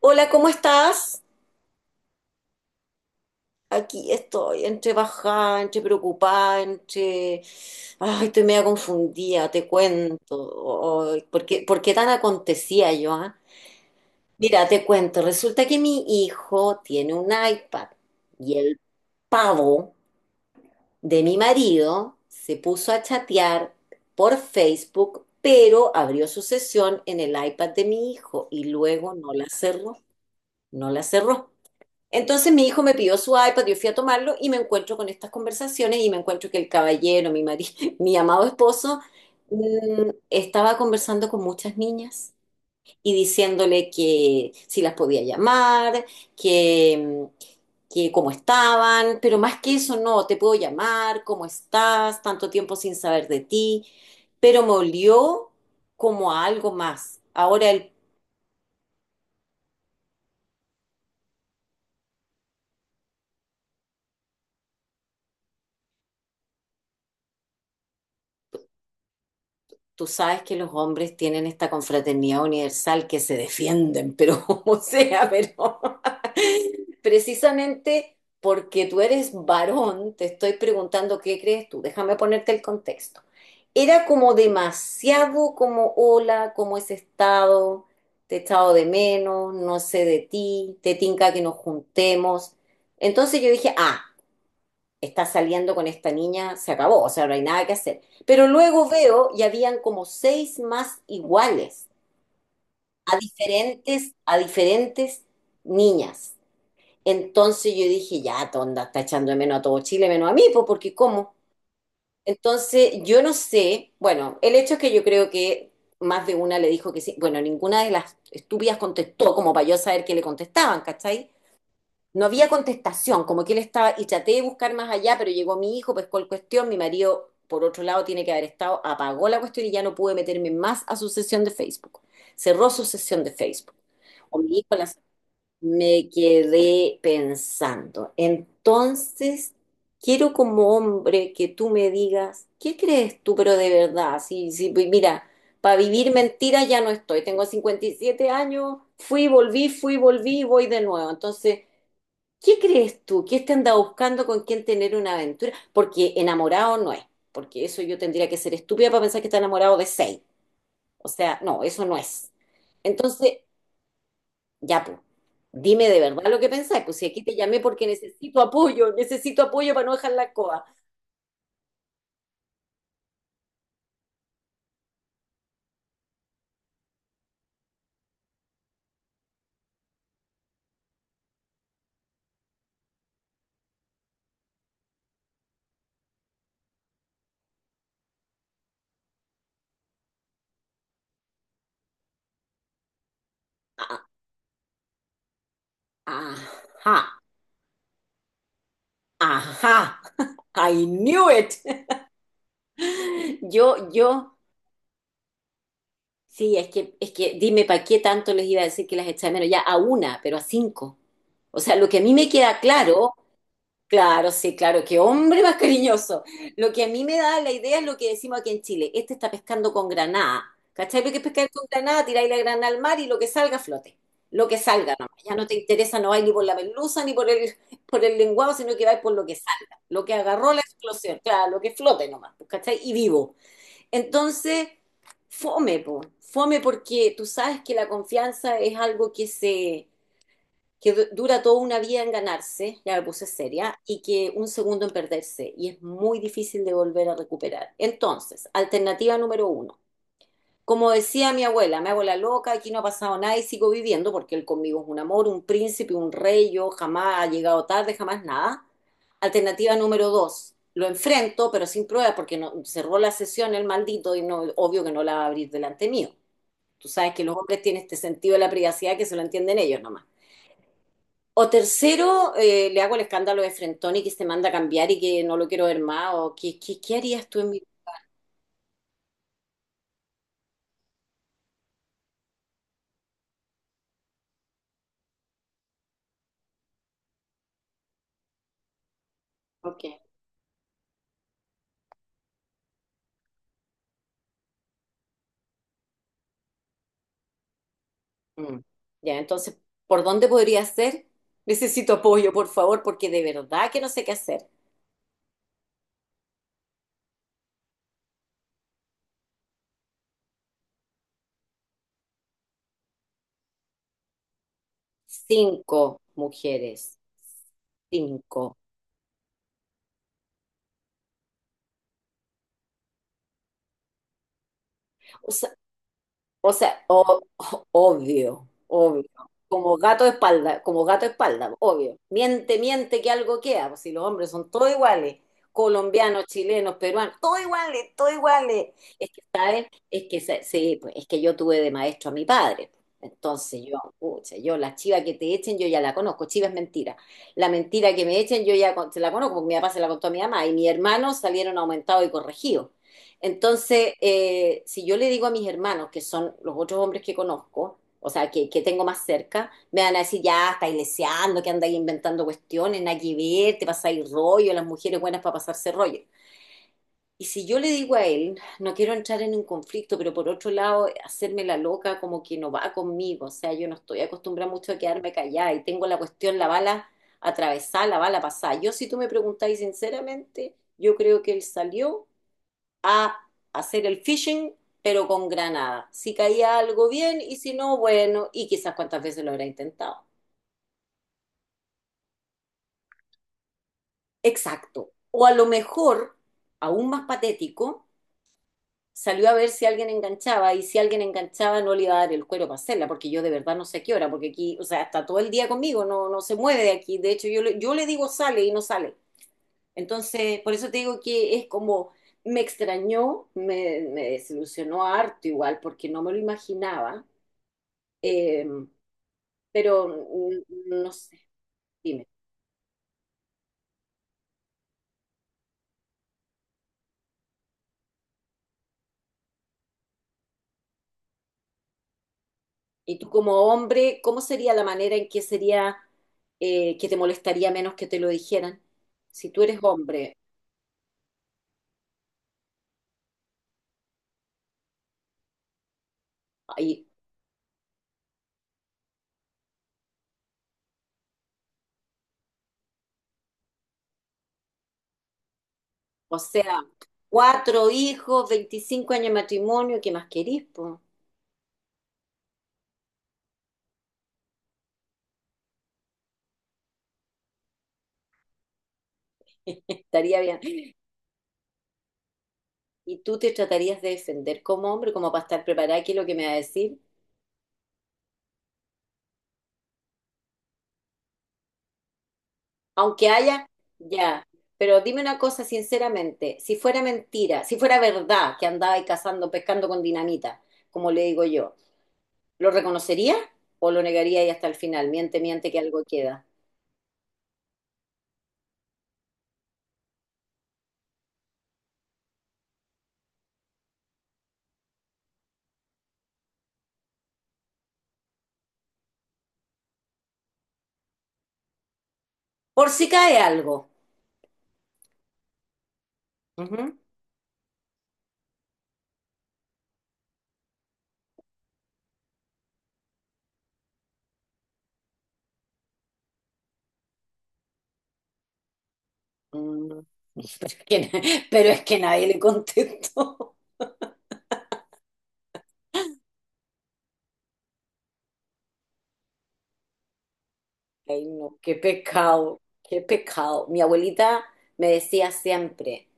Hola, ¿cómo estás? Aquí estoy, entre bajada, entre preocupada, entre... Ay, estoy media confundida, te cuento. Ay, ¿por qué tan acontecía yo, ah? Mira, te cuento. Resulta que mi hijo tiene un iPad y el pavo de mi marido se puso a chatear por Facebook, pero abrió su sesión en el iPad de mi hijo y luego no la cerró, no la cerró. Entonces mi hijo me pidió su iPad, yo fui a tomarlo y me encuentro con estas conversaciones y me encuentro que el caballero, mi amado esposo, estaba conversando con muchas niñas y diciéndole que si las podía llamar, que, mm, que cómo estaban, pero más que eso, no, te puedo llamar, cómo estás, tanto tiempo sin saber de ti, pero me olió como a algo más. Ahora él Tú sabes que los hombres tienen esta confraternidad universal que se defienden, pero como sea, pero precisamente porque tú eres varón, te estoy preguntando qué crees tú. Déjame ponerte el contexto. Era como demasiado como hola, cómo has estado, te he echado de menos, no sé de ti, te tinca que nos juntemos. Entonces yo dije, ah, está saliendo con esta niña, se acabó, o sea, no hay nada que hacer. Pero luego veo y habían como seis más iguales a diferentes niñas. Entonces yo dije, ya, tonda, está echando de menos a todo Chile, menos a mí, pues porque ¿cómo? Entonces yo no sé, bueno, el hecho es que yo creo que más de una le dijo que sí, bueno, ninguna de las estúpidas contestó como para yo saber qué le contestaban, ¿cachai? No había contestación, como que él estaba, y traté de buscar más allá, pero llegó mi hijo, pescó el cuestión, mi marido, por otro lado, tiene que haber estado, apagó la cuestión y ya no pude meterme más a su sesión de Facebook. Cerró su sesión de Facebook. O mi hijo la- Me quedé pensando. Entonces, quiero como hombre que tú me digas, ¿qué crees tú, pero de verdad? Si, si, Pues mira, para vivir mentiras ya no estoy. Tengo 57 años, fui, volví, y voy de nuevo. Entonces, ¿qué crees tú? ¿Qué te anda buscando con quién tener una aventura? Porque enamorado no es, porque eso yo tendría que ser estúpida para pensar que está enamorado de seis. O sea, no, eso no es. Entonces, ya pues, dime de verdad lo que pensás, pues si aquí te llamé porque necesito apoyo para no dejar la coa. Ah, ajá, ajá, I knew it. Yo, yo, sí, es que dime para qué tanto les iba a decir que las echa de menos, ya a una, pero a cinco. O sea, lo que a mí me queda claro. Claro, sí, claro, qué hombre más cariñoso. Lo que a mí me da la idea es lo que decimos aquí en Chile. Este está pescando con granada. ¿Cachai? Porque pescar con granada, tiráis la granada al mar y lo que salga flote. Lo que salga, nomás. Ya no te interesa, no vais ni por la merluza ni por el, por el lenguado, sino que vais por lo que salga. Lo que agarró la explosión, claro, lo que flote nomás, pues, ¿cachai? Y vivo. Entonces, fome, po. Fome porque tú sabes que la confianza es algo que se dura toda una vida en ganarse, ya me puse seria, y que un segundo en perderse, y es muy difícil de volver a recuperar. Entonces, alternativa número uno. Como decía mi abuela, me hago la loca, aquí no ha pasado nada y sigo viviendo porque él conmigo es un amor, un príncipe, un rey, yo jamás ha llegado tarde, jamás nada. Alternativa número dos, lo enfrento, pero sin prueba porque no, cerró la sesión el maldito y no, obvio que no la va a abrir delante mío. Tú sabes que los hombres tienen este sentido de la privacidad que se lo entienden ellos nomás. O tercero, le hago el escándalo de Frentoni que se manda a cambiar y que no lo quiero ver más. O, ¿qué harías tú en mi...? ¿Por qué? Mm. Ya, entonces, ¿por dónde podría ser? Necesito apoyo, por favor, porque de verdad que no sé qué hacer. Cinco mujeres. Cinco. O sea, O sea, o- obvio, obvio. Como gato de espalda, como gato de espalda, obvio. Miente, miente que algo queda, pues si los hombres son todos iguales, colombianos, chilenos, peruanos, todos iguales, todos iguales. Es que, ¿saben? Es que, sí, pues es que yo tuve de maestro a mi padre. Entonces yo, pucha, yo la chiva que te echen, yo ya la conozco, chiva es mentira. La mentira que me echen, yo ya se la conozco, porque mi papá se la contó a mi mamá y mis hermanos salieron aumentados y corregidos. Entonces, si yo le digo a mis hermanos, que son los otros hombres que conozco, o sea, que tengo más cerca, me van a decir, ya, estáis leseando, que andáis inventando cuestiones, nada que ver, te pasáis rollo, las mujeres buenas para pasarse rollo. Y si yo le digo a él, no quiero entrar en un conflicto, pero por otro lado, hacerme la loca como que no va conmigo, o sea, yo no estoy acostumbrada mucho a quedarme callada y tengo la cuestión, la bala atravesada, la bala pasada. Yo, si tú me preguntáis sinceramente, yo creo que él salió hacer el phishing, pero con granada. Si caía algo bien y si no, bueno, y quizás cuántas veces lo habrá intentado. Exacto. O a lo mejor, aún más patético, salió a ver si alguien enganchaba y si alguien enganchaba no le iba a dar el cuero para hacerla, porque yo de verdad no sé a qué hora, porque aquí, o sea, está todo el día conmigo, no, no se mueve de aquí. De hecho, yo le digo sale y no sale. Entonces, por eso te digo que es como, me extrañó, me desilusionó harto igual, porque no me lo imaginaba. Eh, pero no sé, dime. Y tú como hombre, ¿cómo sería la manera en que sería que te molestaría menos que te lo dijeran? Si tú eres hombre, ay, o sea, cuatro hijos, 25 años de matrimonio, ¿qué más querís, po? Estaría bien. Y tú te tratarías de defender como hombre, como para estar preparada, ¿qué es lo que me va a decir? Aunque haya, ya. Pero dime una cosa sinceramente, si fuera mentira, si fuera verdad que andaba ahí cazando, pescando con dinamita, como le digo yo, ¿lo reconocería o lo negaría y hasta el final? Miente, miente que algo queda. Por si cae algo. Ujú. Mm, pero es que, pero es que nadie le contestó. Ay, no, qué pecado, qué pecado. Mi abuelita me decía siempre.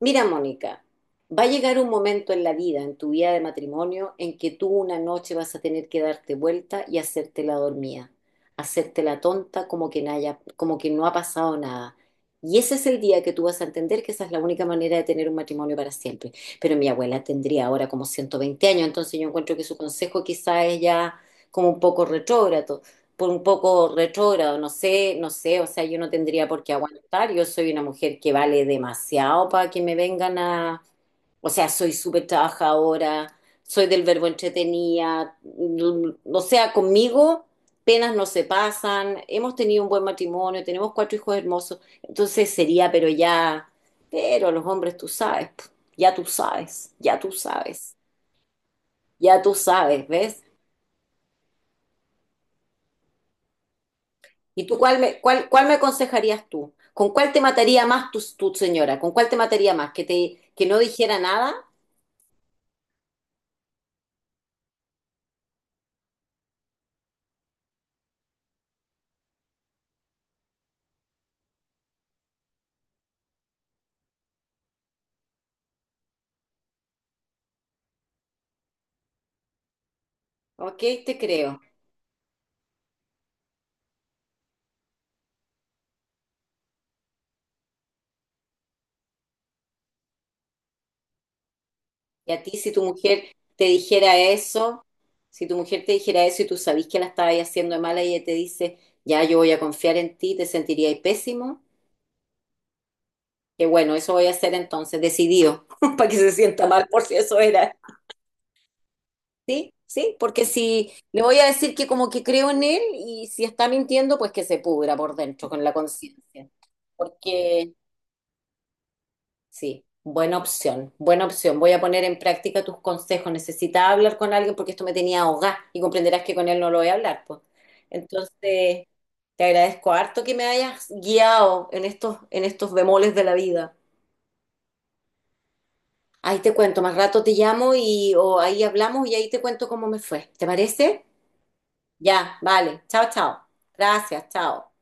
Mira, Mónica, va a llegar un momento en la vida, en tu vida de matrimonio, en que tú una noche vas a tener que darte vuelta y hacerte la dormida, hacerte la tonta como que, como que no ha pasado nada. Y ese es el día que tú vas a entender que esa es la única manera de tener un matrimonio para siempre. Pero mi abuela tendría ahora como 120 años, entonces yo encuentro que su consejo quizá es ya como un poco retrógrado por un poco retrógrado, no sé, no sé, o sea, yo no tendría por qué aguantar, yo soy una mujer que vale demasiado para que me vengan a, o sea, soy súper trabajadora, soy del verbo entretenida, o sea, conmigo penas no se pasan, hemos tenido un buen matrimonio, tenemos cuatro hijos hermosos, entonces sería, pero ya, pero los hombres tú sabes, po, ya tú sabes, ya tú sabes, ya tú sabes, ¿ves? ¿Y tú cuál me aconsejarías tú? ¿Con cuál te mataría más tu señora? ¿Con cuál te mataría más? ¿Que te, que no dijera nada? Ok, te creo. Y a ti, si tu mujer te dijera eso, si tu mujer te dijera eso y tú sabís que la estabas haciendo de mala y ella te dice, ya yo voy a confiar en ti, te sentirías pésimo. Que bueno, eso voy a hacer entonces, decidido, para que se sienta mal por si eso era. Sí, sí, porque si le voy a decir que como que creo en él y si está mintiendo, pues que se pudra por dentro con la conciencia. Porque sí, buena opción, buena opción. Voy a poner en práctica tus consejos. Necesitaba hablar con alguien porque esto me tenía ahogada y comprenderás que con él no lo voy a hablar, pues. Entonces, te agradezco harto que me hayas guiado en estos bemoles de la vida. Ahí te cuento, más rato te llamo y o ahí hablamos y ahí te cuento cómo me fue. ¿Te parece? Ya, vale. Chao, chao. Gracias, chao.